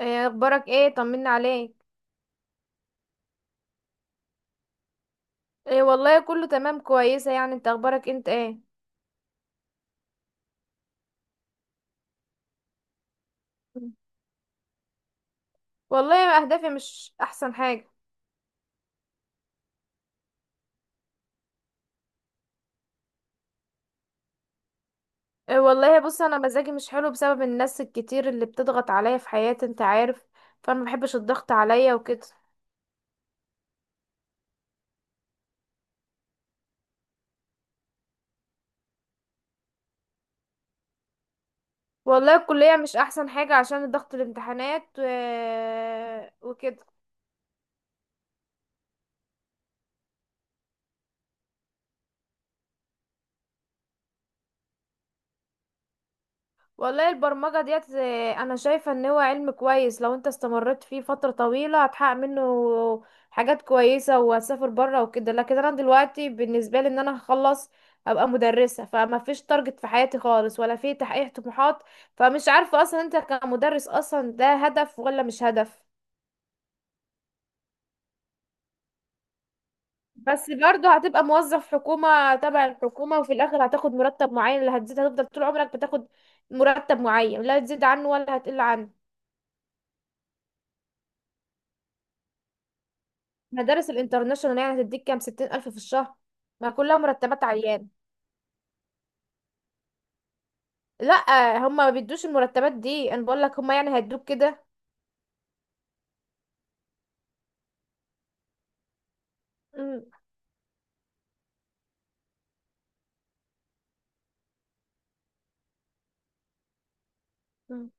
ايه اخبارك؟ ايه طمنا عليك. ايه والله كله تمام كويسه، يعني انت اخبارك انت ايه؟ والله اهدافي مش احسن حاجه. إيه والله بص، انا مزاجي مش حلو بسبب الناس الكتير اللي بتضغط عليا في حياتي، انت عارف. فانا ما بحبش الضغط عليا وكده. والله الكليه مش احسن حاجه عشان ضغط الامتحانات وكده. والله البرمجة ديت، انا شايفة ان هو علم كويس، لو انت استمريت فيه فترة طويلة هتحقق منه حاجات كويسة وهتسافر بره وكده. لكن انا دلوقتي بالنسبة لي ان انا هخلص ابقى مدرسة، فما فيش تارجت في حياتي خالص ولا في تحقيق طموحات. فمش عارفة اصلا انت كمدرس اصلا ده هدف ولا مش هدف. بس برضه هتبقى موظف حكومة تبع الحكومة، وفي الاخر هتاخد مرتب معين، لا هتزيد، هتفضل طول عمرك بتاخد مرتب معين، لا تزيد عنه ولا هتقل عنه. مدارس الانترناشونال يعني هتديك كام؟ 60,000 في الشهر؟ ما كلها مرتبات عيان. لا، هما ما بيدوش المرتبات دي، انا بقول لك هما يعني هيدوك كده. مم. مم.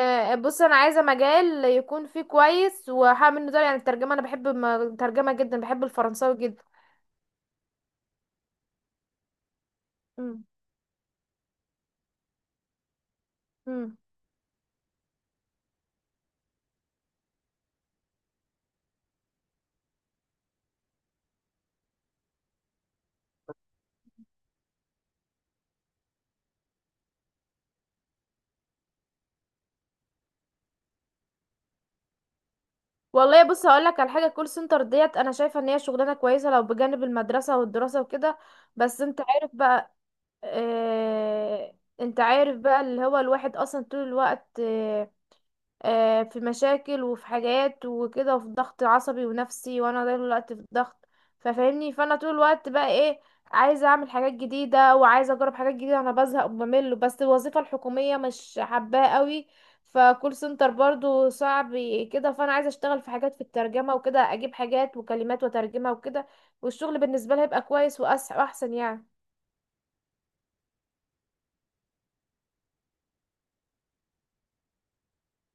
آه، بص انا عايزه مجال يكون فيه كويس وهعمل له ده، يعني الترجمه، انا بحب الترجمه جدا، بحب الفرنساوي جدا. مم. مم. والله بص هقول لك على حاجه، كول سنتر ديت انا شايفه ان هي شغلانه كويسه لو بجانب المدرسه والدراسه وكده. بس انت عارف بقى، آه انت عارف بقى اللي هو الواحد اصلا طول الوقت، في مشاكل وفي حاجات وكده وفي ضغط عصبي ونفسي، وانا طول الوقت في ضغط. ففاهمني، فانا طول الوقت بقى ايه، عايزه اعمل حاجات جديده وعايزه اجرب حاجات جديده، انا بزهق وبمل، بس الوظيفه الحكوميه مش حباها قوي، فكول سنتر برضو صعب كده. فانا عايزه اشتغل في حاجات في الترجمه وكده، اجيب حاجات وكلمات وترجمها وكده. والشغل بالنسبه لي هيبقى كويس واحسن يعني.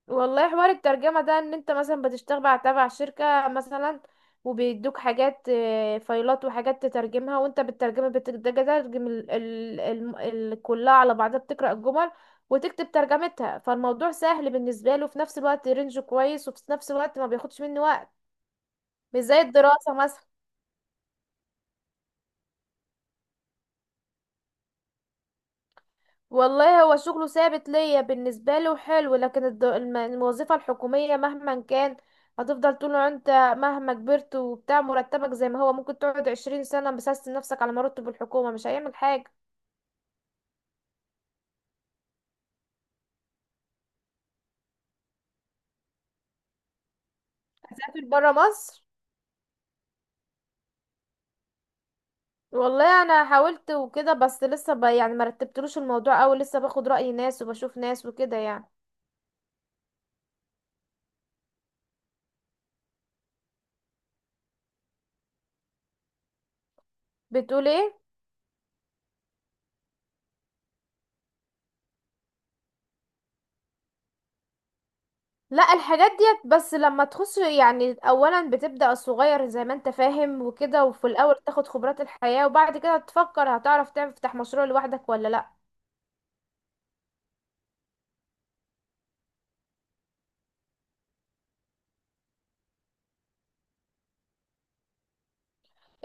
والله حوار الترجمة ده ان انت مثلا بتشتغل تبع شركة مثلا، وبيدوك حاجات، فايلات وحاجات تترجمها، وانت بالترجمة بتترجم ال كلها على بعضها، بتقرأ الجمل وتكتب ترجمتها. فالموضوع سهل بالنسبة له، في نفس الوقت رينج كويس، وفي نفس الوقت ما بياخدش منه وقت، مش زي الدراسة مثلا. والله هو شغله ثابت ليا بالنسبة له حلو، لكن الوظيفة الحكومية مهما كان هتفضل طول ما انت مهما كبرت وبتاع، مرتبك زي ما هو، ممكن تقعد 20 سنة بسست نفسك على مرتب الحكومة مش هيعمل حاجة. هسافر برا مصر. والله انا حاولت وكده بس لسه يعني مرتبتلوش الموضوع اوي، لسه باخد رأي ناس وبشوف ناس وكده يعني. بتقول ايه؟ لا، الحاجات ديت بس لما تخش يعني اولا بتبدأ الصغير زي ما انت فاهم وكده، وفي الاول تاخد خبرات الحياة، وبعد كده تفكر هتعرف تفتح مشروع لوحدك ولا لا.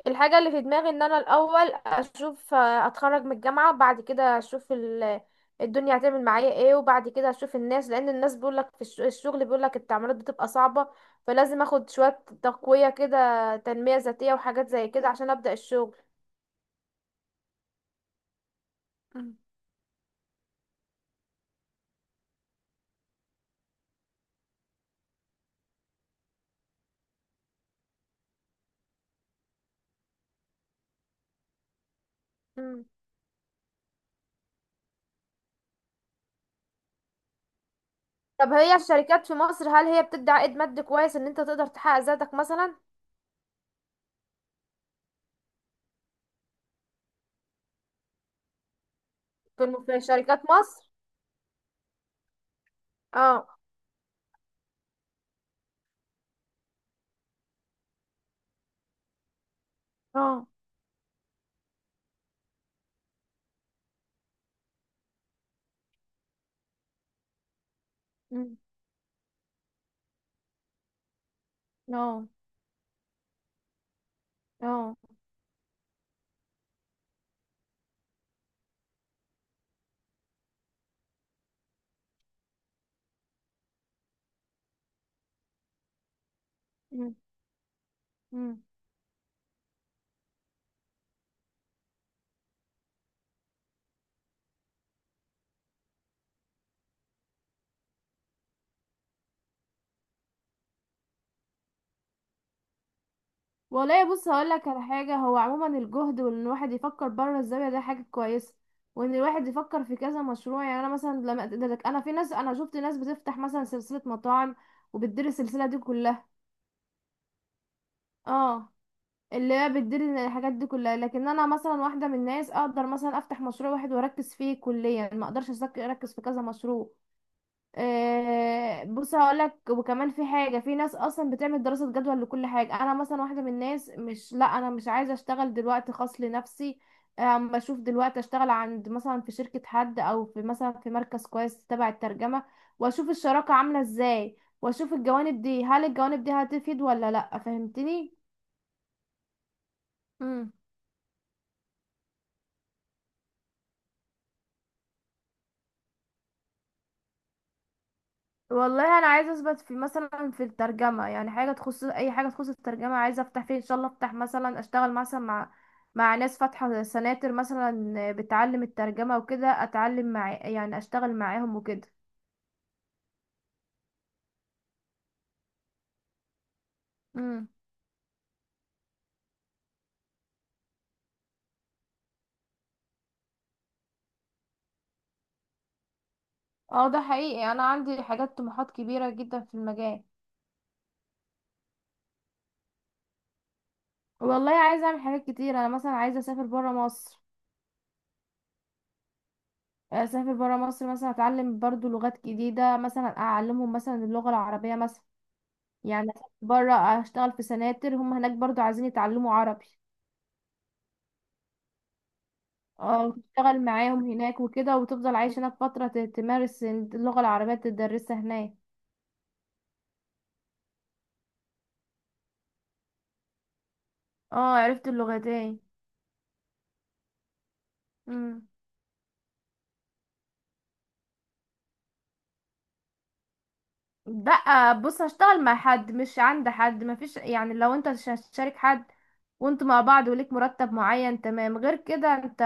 الحاجة اللي في دماغي ان انا الاول اشوف، آه، اتخرج من الجامعة، بعد كده اشوف الدنيا هتعمل معايا ايه، وبعد كده اشوف الناس، لان الناس بيقولك في الشغل، بيقولك التعاملات بتبقى صعبة، فلازم اخد شوية تقوية كده، تنمية ذاتية وحاجات زي كده عشان ابدأ الشغل. مم. طب هي الشركات في مصر هل هي بتدي عائد مادي كويس ان انت تقدر تحقق ذاتك مثلا؟ في شركات مصر؟ اه. اه. أمم، اه. اه. أمم. أمم. والله بص هقول لك على حاجه، هو عموما الجهد وان الواحد يفكر بره الزاويه ده حاجه كويسه، وان الواحد يفكر في كذا مشروع. يعني انا مثلا لما انا في ناس، انا شفت ناس بتفتح مثلا سلسله مطاعم وبتدير السلسله دي كلها. اه، اللي هي بتدير الحاجات دي كلها. لكن انا مثلا واحده من الناس اقدر مثلا افتح مشروع واحد واركز فيه كليا، ما اقدرش اركز في كذا مشروع. آه، بص هقولك، وكمان في حاجه، في ناس اصلا بتعمل دراسه جدوى لكل حاجه، انا مثلا واحده من الناس مش لا انا مش عايزه اشتغل دلوقتي خاص لنفسي. أم بشوف دلوقتي اشتغل عند مثلا في شركه حد او في مثلا في مركز كويس تبع الترجمه، واشوف الشراكه عامله ازاي، واشوف الجوانب دي، هل الجوانب دي هتفيد ولا لا، فهمتني؟ مم. والله انا عايزه اثبت في مثلا في الترجمه، يعني حاجه تخص، اي حاجه تخص الترجمه عايزه افتح فيه ان شاء الله، افتح مثلا اشتغل مثلا مع ناس فاتحه سناتر مثلا بتعلم الترجمه وكده، اتعلم مع يعني اشتغل معاهم وكده. امم. اه ده حقيقي، انا عندي حاجات طموحات كبيرة جدا في المجال. والله عايزه اعمل حاجات كتير، انا مثلا عايزه اسافر بره مصر. اسافر بره مصر مثلا اتعلم برضو لغات جديده، مثلا اعلمهم مثلا اللغه العربيه مثلا. يعني أسافر بره اشتغل في سناتر، هم هناك برضو عايزين يتعلموا عربي. اه تشتغل معاهم هناك وكده وتفضل عايش هناك فترة تمارس اللغة العربية تدرسها هناك. اه عرفت اللغتين. مم. لا بص هشتغل مع حد مش عند حد، مفيش يعني لو انت مش هتشارك حد وانتوا مع بعض وليك مرتب معين تمام. غير كده انت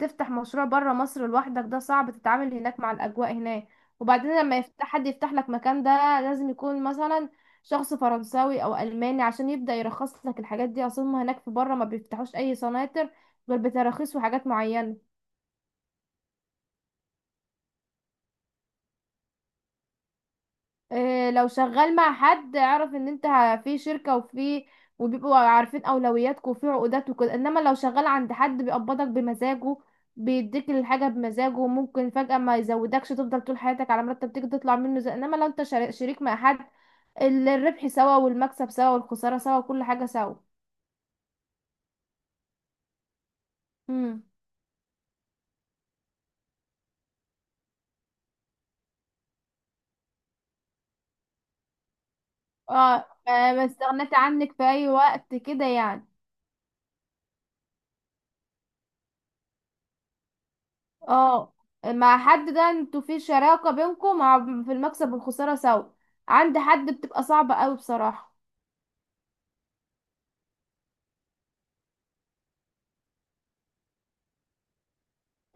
تفتح مشروع بره مصر لوحدك ده صعب، تتعامل هناك مع الاجواء هناك، وبعدين لما يفتح حد يفتح لك مكان ده لازم يكون مثلا شخص فرنساوي او الماني عشان يبدأ يرخص لك الحاجات دي، اصلا هناك في بره ما بيفتحوش اي سناتر غير بتراخيص وحاجات معينة. إيه، لو شغال مع حد اعرف ان انت في شركة وفي وبيبقوا عارفين اولوياتك وفي عقودات وكده. انما لو شغال عند حد بيقبضك بمزاجه، بيديك الحاجة بمزاجه، وممكن فجأة ما يزودكش تفضل طول حياتك على مرتب تيجي تطلع منه. زي انما لو انت شريك مع حد، الربح سوا والمكسب سوا والخسارة سوا وكل حاجة سوا. امم. اه ما استغنيت عنك في اي وقت كده يعني. اه مع حد ده انتوا في شراكة بينكم، مع في المكسب والخسارة سوا. عند حد بتبقى صعبة قوي بصراحة.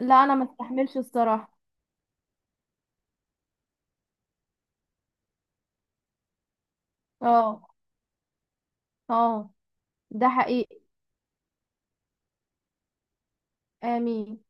لا انا ما استحملش الصراحة. اه. اه ده حقيقي. امين.